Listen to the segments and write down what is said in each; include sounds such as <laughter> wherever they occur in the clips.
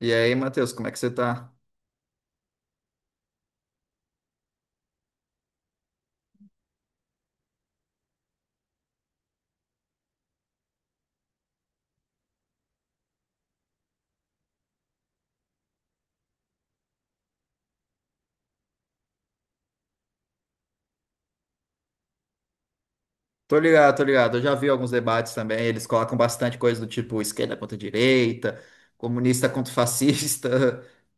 E aí, Matheus, como é que você tá? Tô ligado, tô ligado. Eu já vi alguns debates também. Eles colocam bastante coisa do tipo esquerda contra direita, comunista contra fascista. <laughs>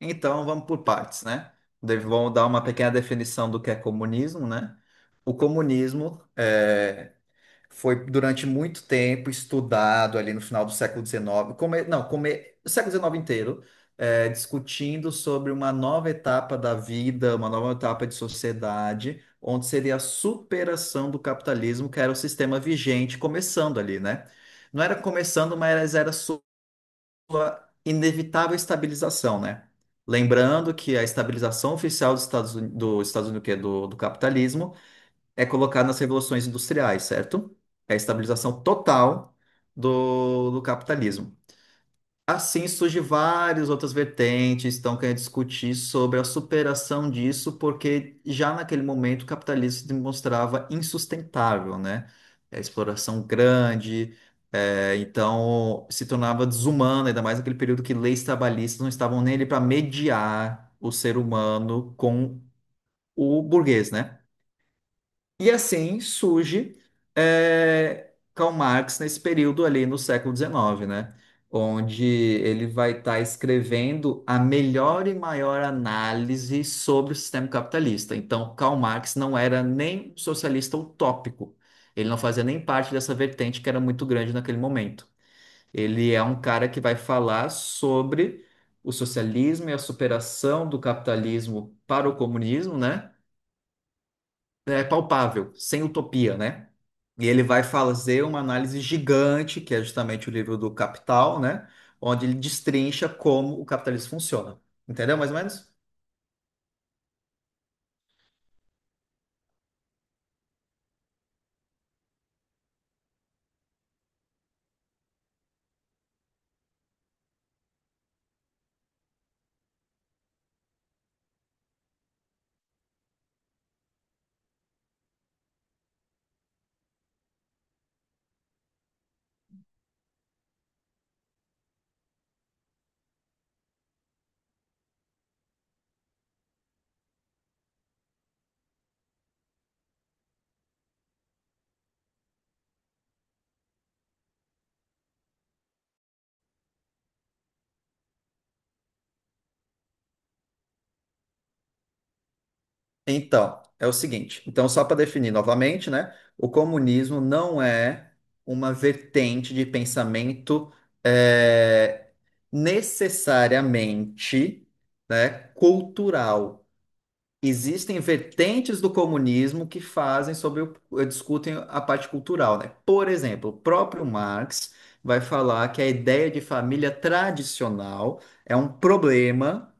Então, vamos por partes, né? Vamos dar uma pequena definição do que é comunismo, né? O comunismo é, foi durante muito tempo estudado ali no final do século XIX, come, não, come, o século XIX inteiro, é, discutindo sobre uma nova etapa da vida, uma nova etapa de sociedade, onde seria a superação do capitalismo, que era o sistema vigente começando ali, né? Não era começando, mas era inevitável estabilização, né? Lembrando que a estabilização oficial dos Estados Unidos, que é do capitalismo, é colocado nas revoluções industriais, certo? É a estabilização total do capitalismo. Assim surge várias outras vertentes, que estão querendo discutir sobre a superação disso, porque já naquele momento o capitalismo se demonstrava insustentável, né? É a exploração grande, é, então se tornava desumano, ainda mais naquele período que leis trabalhistas não estavam nele para mediar o ser humano com o burguês, né? E assim surge Karl Marx nesse período ali no século XIX, né? Onde ele vai estar escrevendo a melhor e maior análise sobre o sistema capitalista. Então, Karl Marx não era nem um socialista utópico. Ele não fazia nem parte dessa vertente que era muito grande naquele momento. Ele é um cara que vai falar sobre o socialismo e a superação do capitalismo para o comunismo, né? É palpável, sem utopia, né? E ele vai fazer uma análise gigante, que é justamente o livro do Capital, né? Onde ele destrincha como o capitalismo funciona. Entendeu, mais ou menos? Então, é o seguinte. Então, só para definir novamente, né? O comunismo não é uma vertente de pensamento eh, necessariamente, né, cultural. Existem vertentes do comunismo que fazem sobre discutem a parte cultural, né? Por exemplo, o próprio Marx vai falar que a ideia de família tradicional é um problema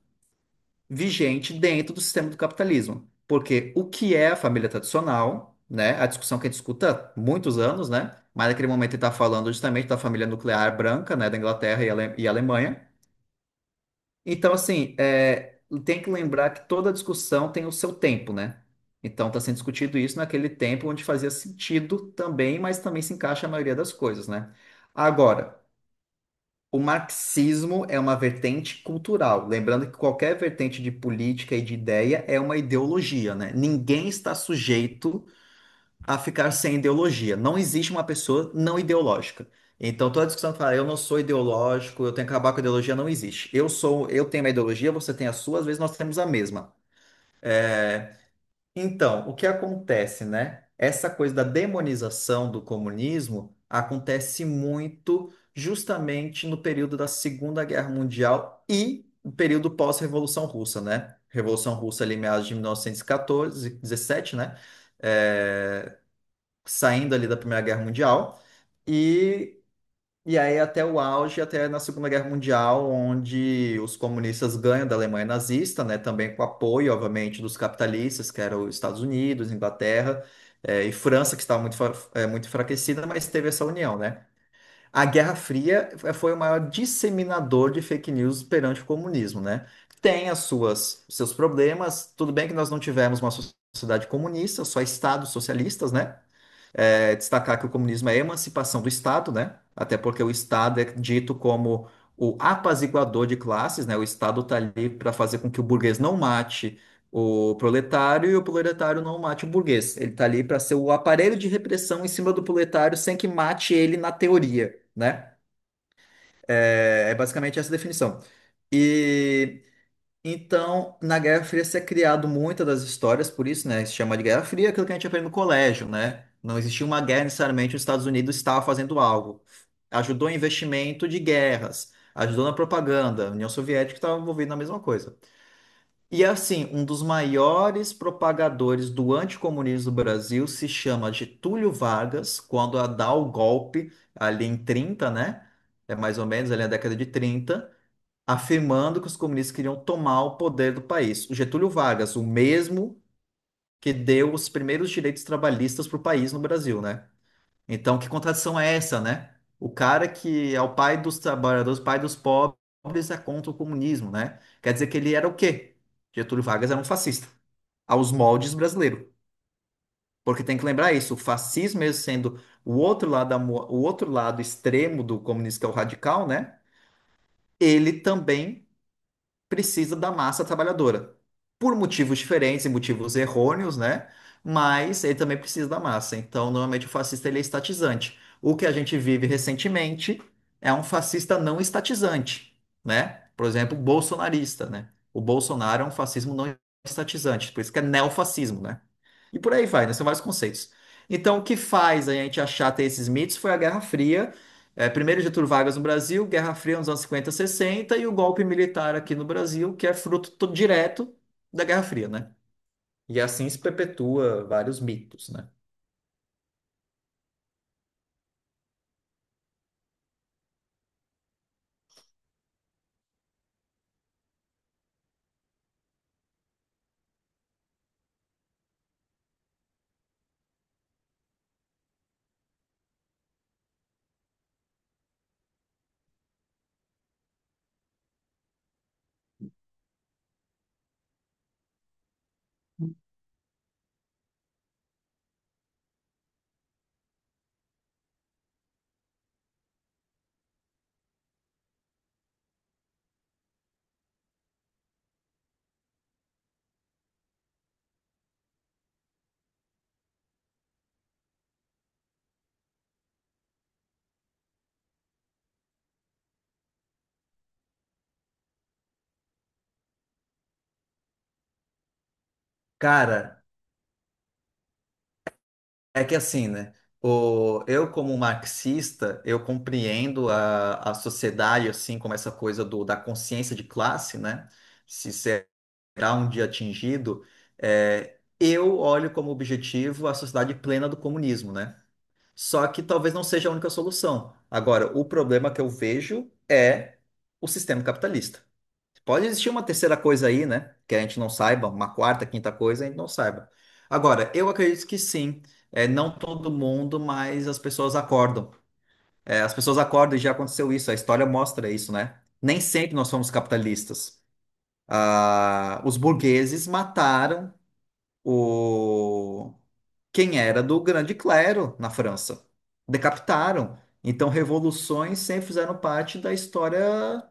vigente dentro do sistema do capitalismo, porque o que é a família tradicional, né? A discussão que a gente escuta há muitos anos, né? Mas naquele momento ele está falando justamente da família nuclear branca, né? Da Inglaterra e Alemanha. Então, assim, é, tem que lembrar que toda discussão tem o seu tempo, né? Então, está sendo discutido isso naquele tempo onde fazia sentido também, mas também se encaixa a maioria das coisas, né? Agora, o marxismo é uma vertente cultural. Lembrando que qualquer vertente de política e de ideia é uma ideologia, né? Ninguém está sujeito a ficar sem ideologia. Não existe uma pessoa não ideológica. Então, toda discussão que fala, eu não sou ideológico, eu tenho que acabar com a ideologia, não existe. Eu sou, eu tenho uma ideologia, você tem a sua, às vezes nós temos a mesma. Então, o que acontece, né? Essa coisa da demonização do comunismo acontece muito justamente no período da Segunda Guerra Mundial e o período pós-Revolução Russa, né? Revolução Russa ali, meados de 1914, dezessete, né? Eh, Saindo ali da Primeira Guerra Mundial, e, e aí até o auge, até na Segunda Guerra Mundial, onde os comunistas ganham da Alemanha nazista, né, também com apoio, obviamente, dos capitalistas, que eram os Estados Unidos, Inglaterra, e França, que estava muito enfraquecida, mas teve essa união, né? A Guerra Fria foi o maior disseminador de fake news perante o comunismo, né? Tem as suas, seus problemas, tudo bem que nós não tivemos uma sociedade comunista, só estados socialistas, né? É destacar que o comunismo é a emancipação do Estado, né? Até porque o Estado é dito como o apaziguador de classes, né? O Estado está ali para fazer com que o burguês não mate o proletário e o proletário não mate o burguês. Ele está ali para ser o aparelho de repressão em cima do proletário sem que mate ele na teoria, né? É, é basicamente essa definição. E então, na Guerra Fria se é criado muitas das histórias, por isso, né, se chama de Guerra Fria, aquilo que a gente aprende no colégio, né? Não existia uma guerra necessariamente, os Estados Unidos estava fazendo algo. Ajudou em investimento de guerras, ajudou na propaganda, a União Soviética estava envolvida na mesma coisa. E assim, um dos maiores propagadores do anticomunismo do Brasil se chama Getúlio Vargas, quando a dá o golpe ali em 30, né? É mais ou menos ali na década de trinta, afirmando que os comunistas queriam tomar o poder do país. O Getúlio Vargas, o mesmo que deu os primeiros direitos trabalhistas para o país no Brasil, né? Então, que contradição é essa, né? O cara que é o pai dos trabalhadores, pai dos pobres, é contra o comunismo, né? Quer dizer que ele era o quê? Getúlio Vargas era um fascista, aos moldes brasileiro. Porque tem que lembrar isso, o fascismo mesmo sendo o outro lado extremo do comunismo, que é o radical, né? Ele também precisa da massa trabalhadora. Por motivos diferentes e motivos errôneos, né? Mas ele também precisa da massa. Então, normalmente o fascista ele é estatizante. O que a gente vive recentemente é um fascista não estatizante, né? Por exemplo, bolsonarista, né? O Bolsonaro é um fascismo não estatizante, por isso que é neofascismo, né? E por aí vai, né? São vários conceitos. Então, o que faz a gente achar ter esses mitos foi a Guerra Fria, é, primeiro Getúlio Vargas no Brasil, Guerra Fria nos anos 50 60 e o golpe militar aqui no Brasil, que é fruto direto da Guerra Fria, né? E assim se perpetua vários mitos, né? Cara, é que assim, né? Eu, como marxista, eu compreendo a sociedade, assim, como essa coisa do, da consciência de classe, né? Se será um dia atingido, é, eu olho como objetivo a sociedade plena do comunismo, né? Só que talvez não seja a única solução. Agora, o problema que eu vejo é o sistema capitalista. Pode existir uma terceira coisa aí, né? Que a gente não saiba, uma quarta, quinta coisa, a gente não saiba. Agora, eu acredito que sim. É, não todo mundo, mas as pessoas acordam. É, as pessoas acordam e já aconteceu isso. A história mostra isso, né? Nem sempre nós somos capitalistas. Ah, os burgueses mataram quem era do grande clero na França. Decapitaram. Então, revoluções sempre fizeram parte da história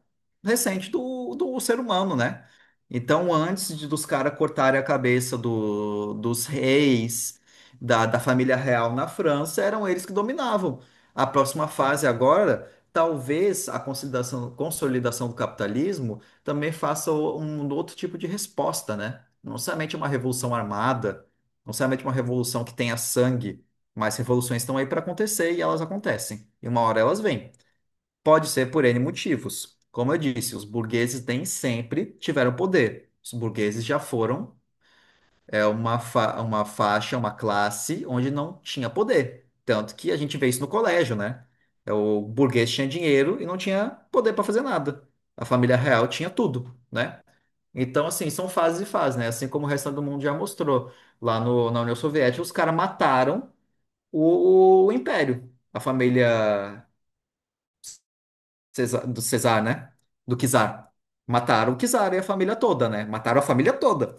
recente do ser humano, né? Então, antes de, dos caras cortarem a cabeça dos reis, da família real na França, eram eles que dominavam. A próxima fase agora, talvez a consolidação, consolidação do capitalismo também faça um outro tipo de resposta, né? Não somente uma revolução armada, não necessariamente uma revolução que tenha sangue, mas revoluções estão aí para acontecer e elas acontecem. E uma hora elas vêm. Pode ser por N motivos. Como eu disse, os burgueses nem sempre tiveram poder. Os burgueses já foram é, uma faixa, uma classe onde não tinha poder. Tanto que a gente vê isso no colégio, né? É, o burguês tinha dinheiro e não tinha poder para fazer nada. A família real tinha tudo, né? Então, assim, são fases e fases, né? Assim como o resto do mundo já mostrou. Lá no, na União Soviética, os caras mataram o Império, a família do Cesar, né? Do Czar. Mataram o Czar e a família toda, né? Mataram a família toda.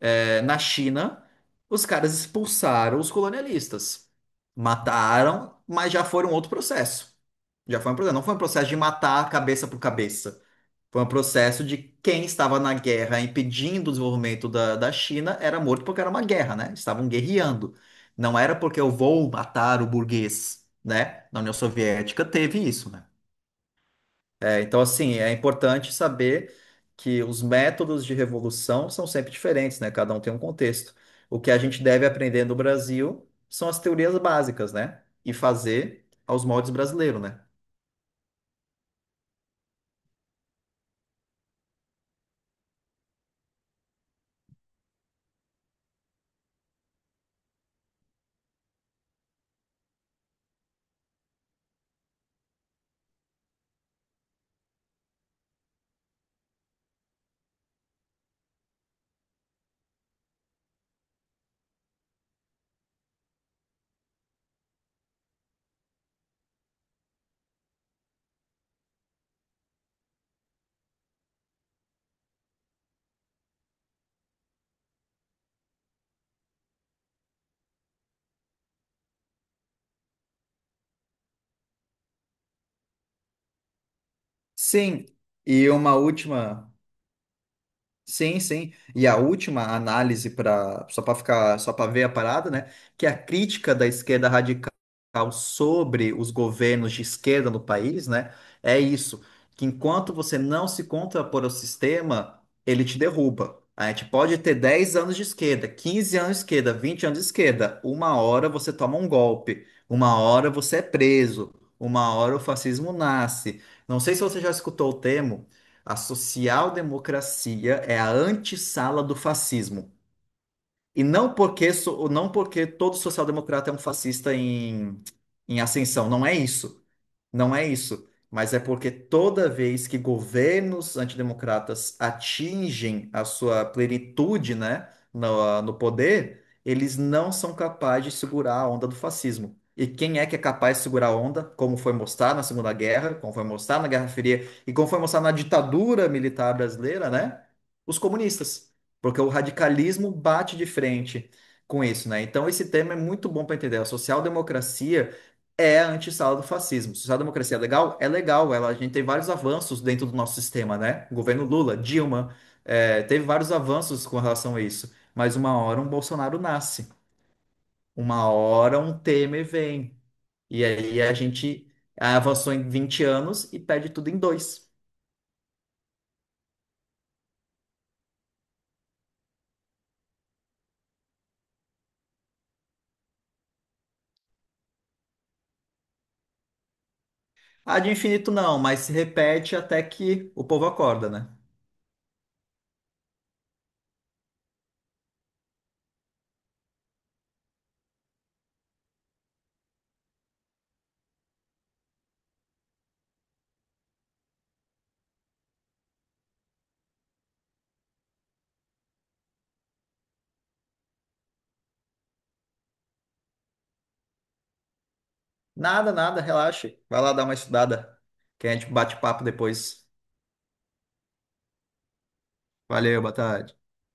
É, na China, os caras expulsaram os colonialistas. Mataram, mas já foi um outro processo. Já foi um processo. Não foi um processo de matar cabeça por cabeça. Foi um processo de quem estava na guerra impedindo o desenvolvimento da China era morto porque era uma guerra, né? Estavam guerreando. Não era porque eu vou matar o burguês, né? Na União Soviética teve isso, né? É, então, assim, é importante saber que os métodos de revolução são sempre diferentes, né? Cada um tem um contexto. O que a gente deve aprender no Brasil são as teorias básicas, né? E fazer aos moldes brasileiros, né? Sim, e uma última. Sim, sim. E a última análise para só para ficar só para ver a parada, né? Que é a crítica da esquerda radical sobre os governos de esquerda no país, né? É isso, que enquanto você não se contrapor ao sistema, ele te derruba. A gente pode ter 10 anos de esquerda, 15 anos de esquerda, 20 anos de esquerda. Uma hora você toma um golpe, uma hora você é preso, uma hora o fascismo nasce. Não sei se você já escutou o termo a social-democracia é a antessala do fascismo. E não porque, não porque todo social-democrata é um fascista em ascensão, não é isso. Não é isso, mas é porque toda vez que governos antidemocratas atingem a sua plenitude, né, no poder, eles não são capazes de segurar a onda do fascismo. E quem é que é capaz de segurar a onda, como foi mostrado na Segunda Guerra, como foi mostrado na Guerra Fria e como foi mostrado na ditadura militar brasileira, né? Os comunistas. Porque o radicalismo bate de frente com isso, né? Então esse tema é muito bom para entender. A social-democracia é a antessala do fascismo. Social-democracia é legal? É legal. Ela, a gente tem vários avanços dentro do nosso sistema, né? Governo Lula, Dilma, é, teve vários avanços com relação a isso. Mas uma hora um Bolsonaro nasce. Uma hora um Temer vem. E aí a gente avançou em 20 anos e perde tudo em dois. Ah, de infinito não, mas se repete até que o povo acorda, né? Nada, nada, relaxe. Vai lá dar uma estudada, que a gente bate papo depois. Valeu, boa tarde.